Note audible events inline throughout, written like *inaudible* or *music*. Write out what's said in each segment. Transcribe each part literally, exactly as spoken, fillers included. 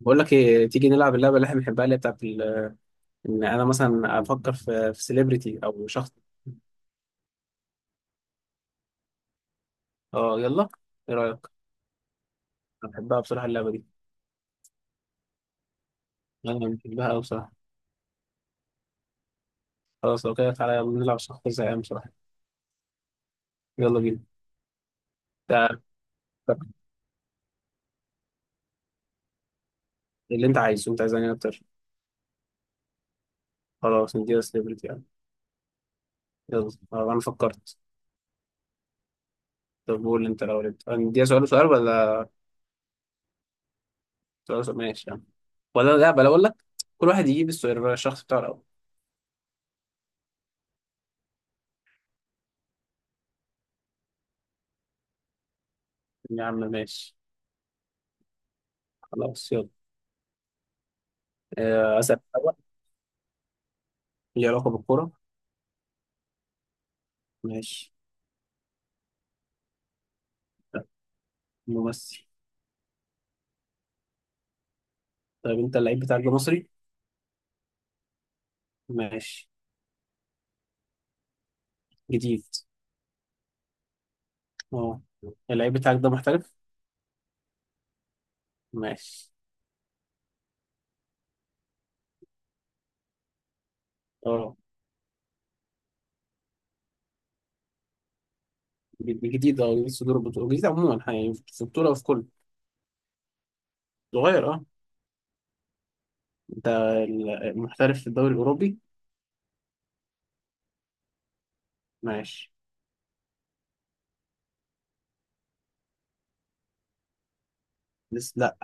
بقول لك ايه تيجي نلعب اللعبه اللي احنا بنحبها اللي هي بتاعت ال- ان انا مثلا افكر في في سيلبرتي او شخص. اه يلا. ايه رايك. انا بحبها بصراحه اللعبه دي. انا بحبها قوي بصراحه. خلاص لو كده تعالى يلا نلعب شخص زهقان بصراحه. يلا بينا. تع- اللي انت عايزه انت عايز انهي اكتر. خلاص نديها سيلبرتي يعني. يلا، آه، انا فكرت. طب قول انت الاول، انت نديها سؤال وسؤال ولا سؤال وسؤال؟ ماشي يعني. ولا لا، بلا اقول لك كل واحد يجيب السؤال الشخص بتاعه الاول. يا عم ماشي. خلاص يلا، آه، اسال الاول. ليه علاقه بالكوره. ماشي. ممثل. طيب انت اللعيب بتاعك ده مصري. ماشي. جديد اه. اللعيب بتاعك ده محترف. ماشي. اه جد- جديد. اه جديد صدور البطولة، جديد عموما يعني في البطولة وفي كله. صغير اه. انت ال- محترف في الدوري الأوروبي. ماشي. لسه لا.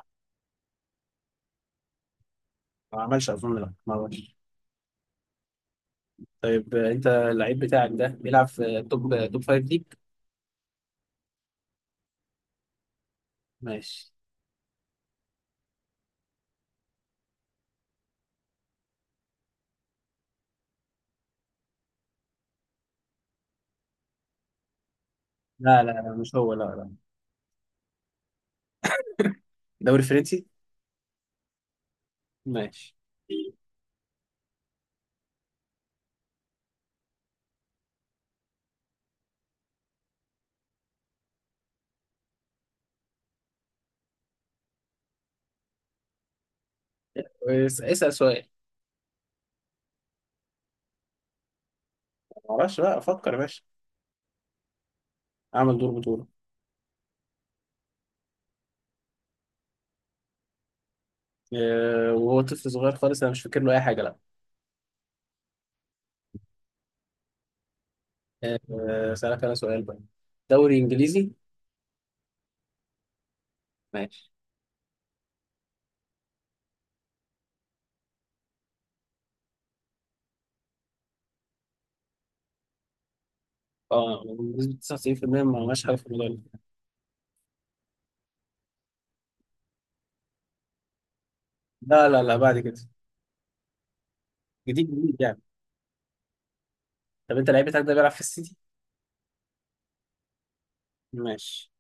ما عملش أظن، لا ما عملش. طيب، آه، انت اللعيب بتاعك ده بيلعب في توب توب فايف ليج. ماشي. لا لا لا مش هو، لا لا. دوري فرنسي. ماشي. اس- اسأل سؤال. ما اعرفش بقى، افكر يا باشا. اعمل دور بطولة. آه، وهو طفل صغير خالص انا مش فاكر له اي حاجه لا. آه، اسالك انا سؤال بقى. دوري انجليزي. ماشي. اه، بنسبه تسعة وتسعين بالمية ما عملش حاجه في الموضوع ده. لا لا لا، بعد كده. جديد جديد يعني. طب انت لعيب بتاعك ده بيلعب في السيتي. ماشي.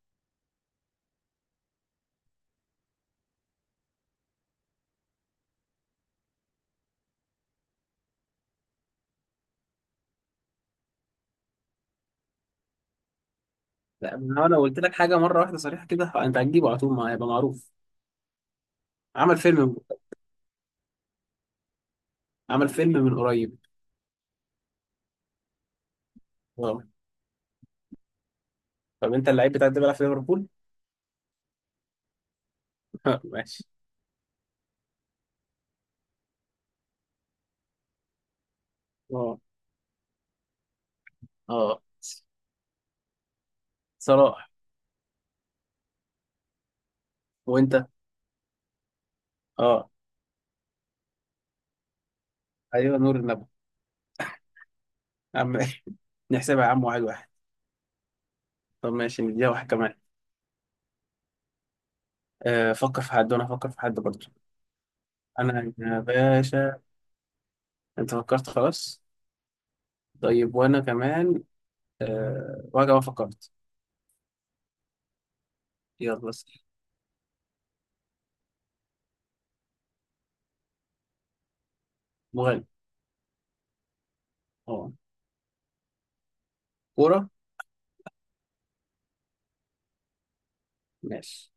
لا، ما هو لو قلت لك حاجه مره واحده صريحه كده انت هتجيبه على طول، ما هيبقى معروف. عمل فيلم. عمل فيلم من قريب. اه. طب انت اللعيب بتاعك ده بيلعب في ليفربول. *laughs* ماشي. اه. اه، صلاح. وانت. اه. ايوه، نور النبي. عم. *laughs* نحسبها يا عم، واحد واحد. طب ماشي، نديها واحد كمان. آه، فكر في حد وانا افكر في حد برضه. انا يا باشا. انت فكرت خلاص. طيب وانا كمان. أه... وانا كمان فكرت. يلا بس. مغني اه. كورة. ماشي.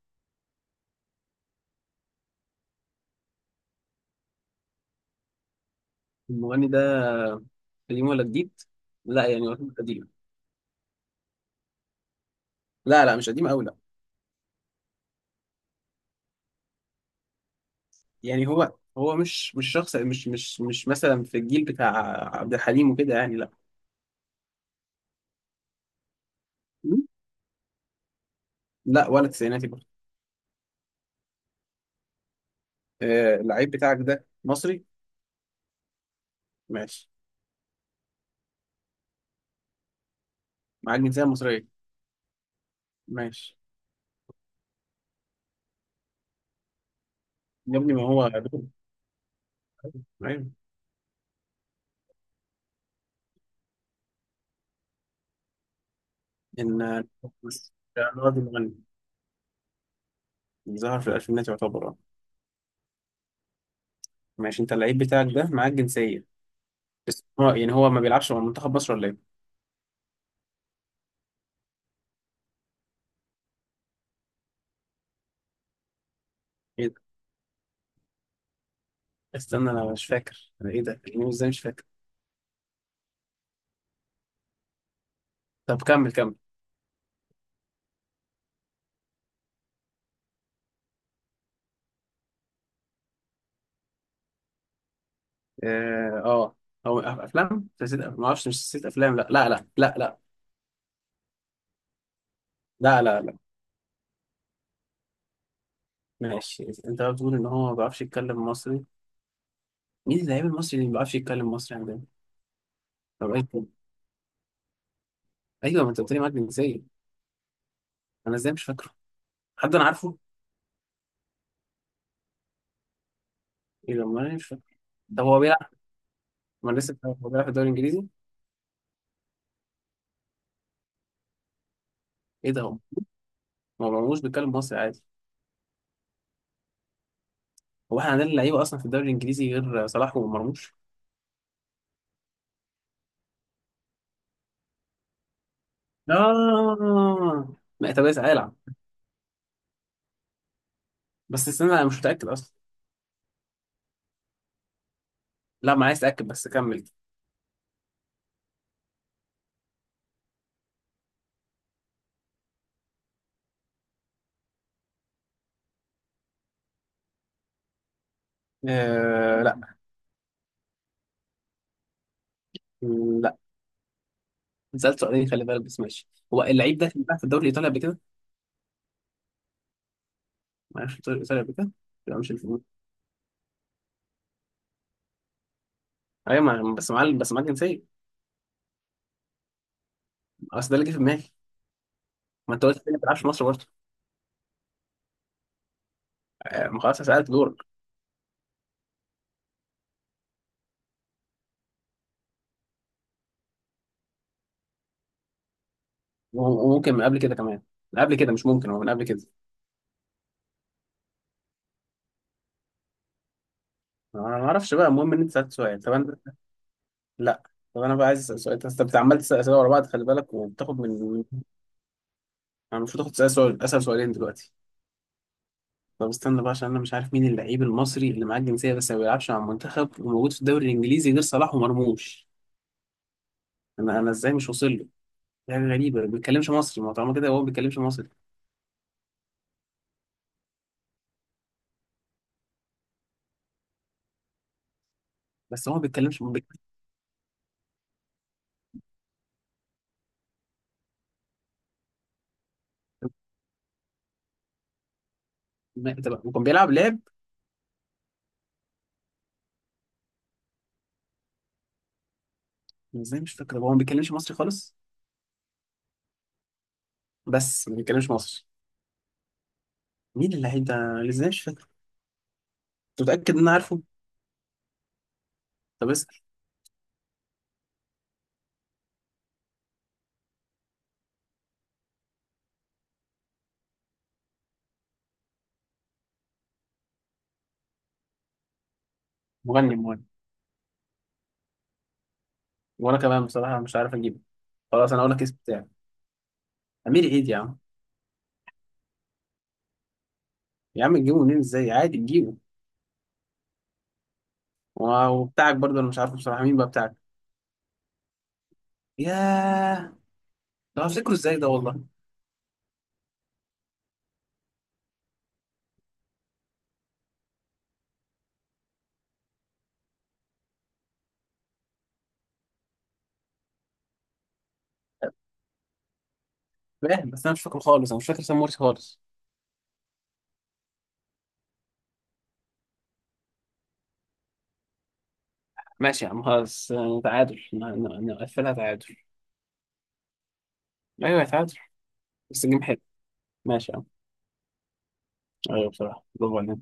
المغني ده قديم ولا جديد. لا يعني هو قديم. لا لا، مش قديم قوي لا. يعني هو هو مش مش شخص، مش مش مش مثلا في الجيل بتاع عبد الحليم وكده يعني لا. م؟ لا ولا تسعيناتي برضه. آه، اللعيب بتاعك ده مصري. ماشي. معاك جنسية مصرية. ماشي. يا ابني ما هو دول. ايوه. ان بس ده راجل مغني. ظهر في الالفينات يعتبر اه. ماشي، انت اللعيب بتاعك ده معاك جنسيه، بس هو يعني هو ما بيلعبش مع منتخب مصر ولا ايه؟ ايه ده؟ استنى، انا مش فاكر انا، ايه ده؟ يعني ازاي مش فاكر؟ طب كمل كمل. اه. آه. هو أف- افلام؟ نسيت أف- ما اعرفش، مش نسيت افلام لا لا لا لا لا. لا لا لا. ماشي، انت بقى بتقول ان هو ما بيعرفش يتكلم مصري. مين اللعيب المصري اللي ما بيعرفش يتكلم مصري عندنا؟ طب ايه. ايوه، ما انت قلت لي معاك جنسيه. انا ازاي مش فاكره؟ حد انا عارفه؟ ايه ده؟ ما أنا مش. ده هو بيلعب. ما أنا لسه بتاع- هو بيلعب في الدوري الانجليزي. ايه ده؟ هو ما مرموش بيتكلم مصري عادي. هو احنا عندنا لعيبه اصلا في الدوري الانجليزي غير صلاح ومرموش. اه لا، طب اسال العب. بس استنى، انا مش متاكد اصلا. لا ما عايز اتاكد، بس كمل. آه لا. م، لا. سالت سؤالين خلي بالك، بس ماشي. هو اللعيب ده كان بيلعب في الدوري الايطالي قبل كده. ما عرفش الدوري الايطالي قبل كده. لا مش الفلوس. ايوه، ما بس معاه، بس معاه الجنسيه. اصل ده اللي جه في دماغي. ما انت قلت لي ما بتلعبش في مصر برضه. آه، ما خلاص سالت دورك. وممكن من قبل كده كمان. من قبل كده، مش ممكن هو من قبل كده. انا ما اعرفش بقى، المهم ان انت سالت سؤال طب انا. لا، طب انا بقى عايز اسال سؤال، انت بت- عمال تسال اسئله ورا بعض خلي بالك، وبتاخد من. انا المفروض اخد سؤال سؤال، اسال سؤالين دلوقتي. طب استنى بقى عشان انا مش عارف مين اللعيب المصري اللي معاه الجنسيه بس ما بيلعبش مع المنتخب وموجود في الدوري الانجليزي غير صلاح ومرموش. انا انا ازاي مش واصل له. حاجه غريبه ما بيتكلمش مصري، ما هو طالما كده هو ما بيتكلمش مصري. بس هو ما بيتكلمش ما بيتكلمش- ما- طب وكان بيلعب لعب. أنا ازاي مش فاكر؟ هو ما بيتكلمش مصري خالص. بس ما بيتكلمش مصري. مين اللعيب ده؟ أنا ازاي مش فاكر؟ انت متاكد ان انا عارفه؟ طب اسال. مغني مغني. وانا كمان بصراحه مش عارف اجيبه. خلاص انا اقول لك اسم بتاعي. امير عيد يا عم. يا عم تجيبه منين؟ ازاي؟ عادي تجيبه. وبتاعك برضه انا مش عارف بصراحه، مين بقى بتاعك. ياه. ده هفتكره ازاي ده والله. فاهم، بس انا مش فاكره خالص، انا مش فاكر سمورتي خالص. ماشي يا عم خلاص، آه، تعادل ن- ن- نقفلها تعادل. ايوه تعادل. بس الجيم حلو. ماشي يا عم. ايوه بصراحه، برافو عليك.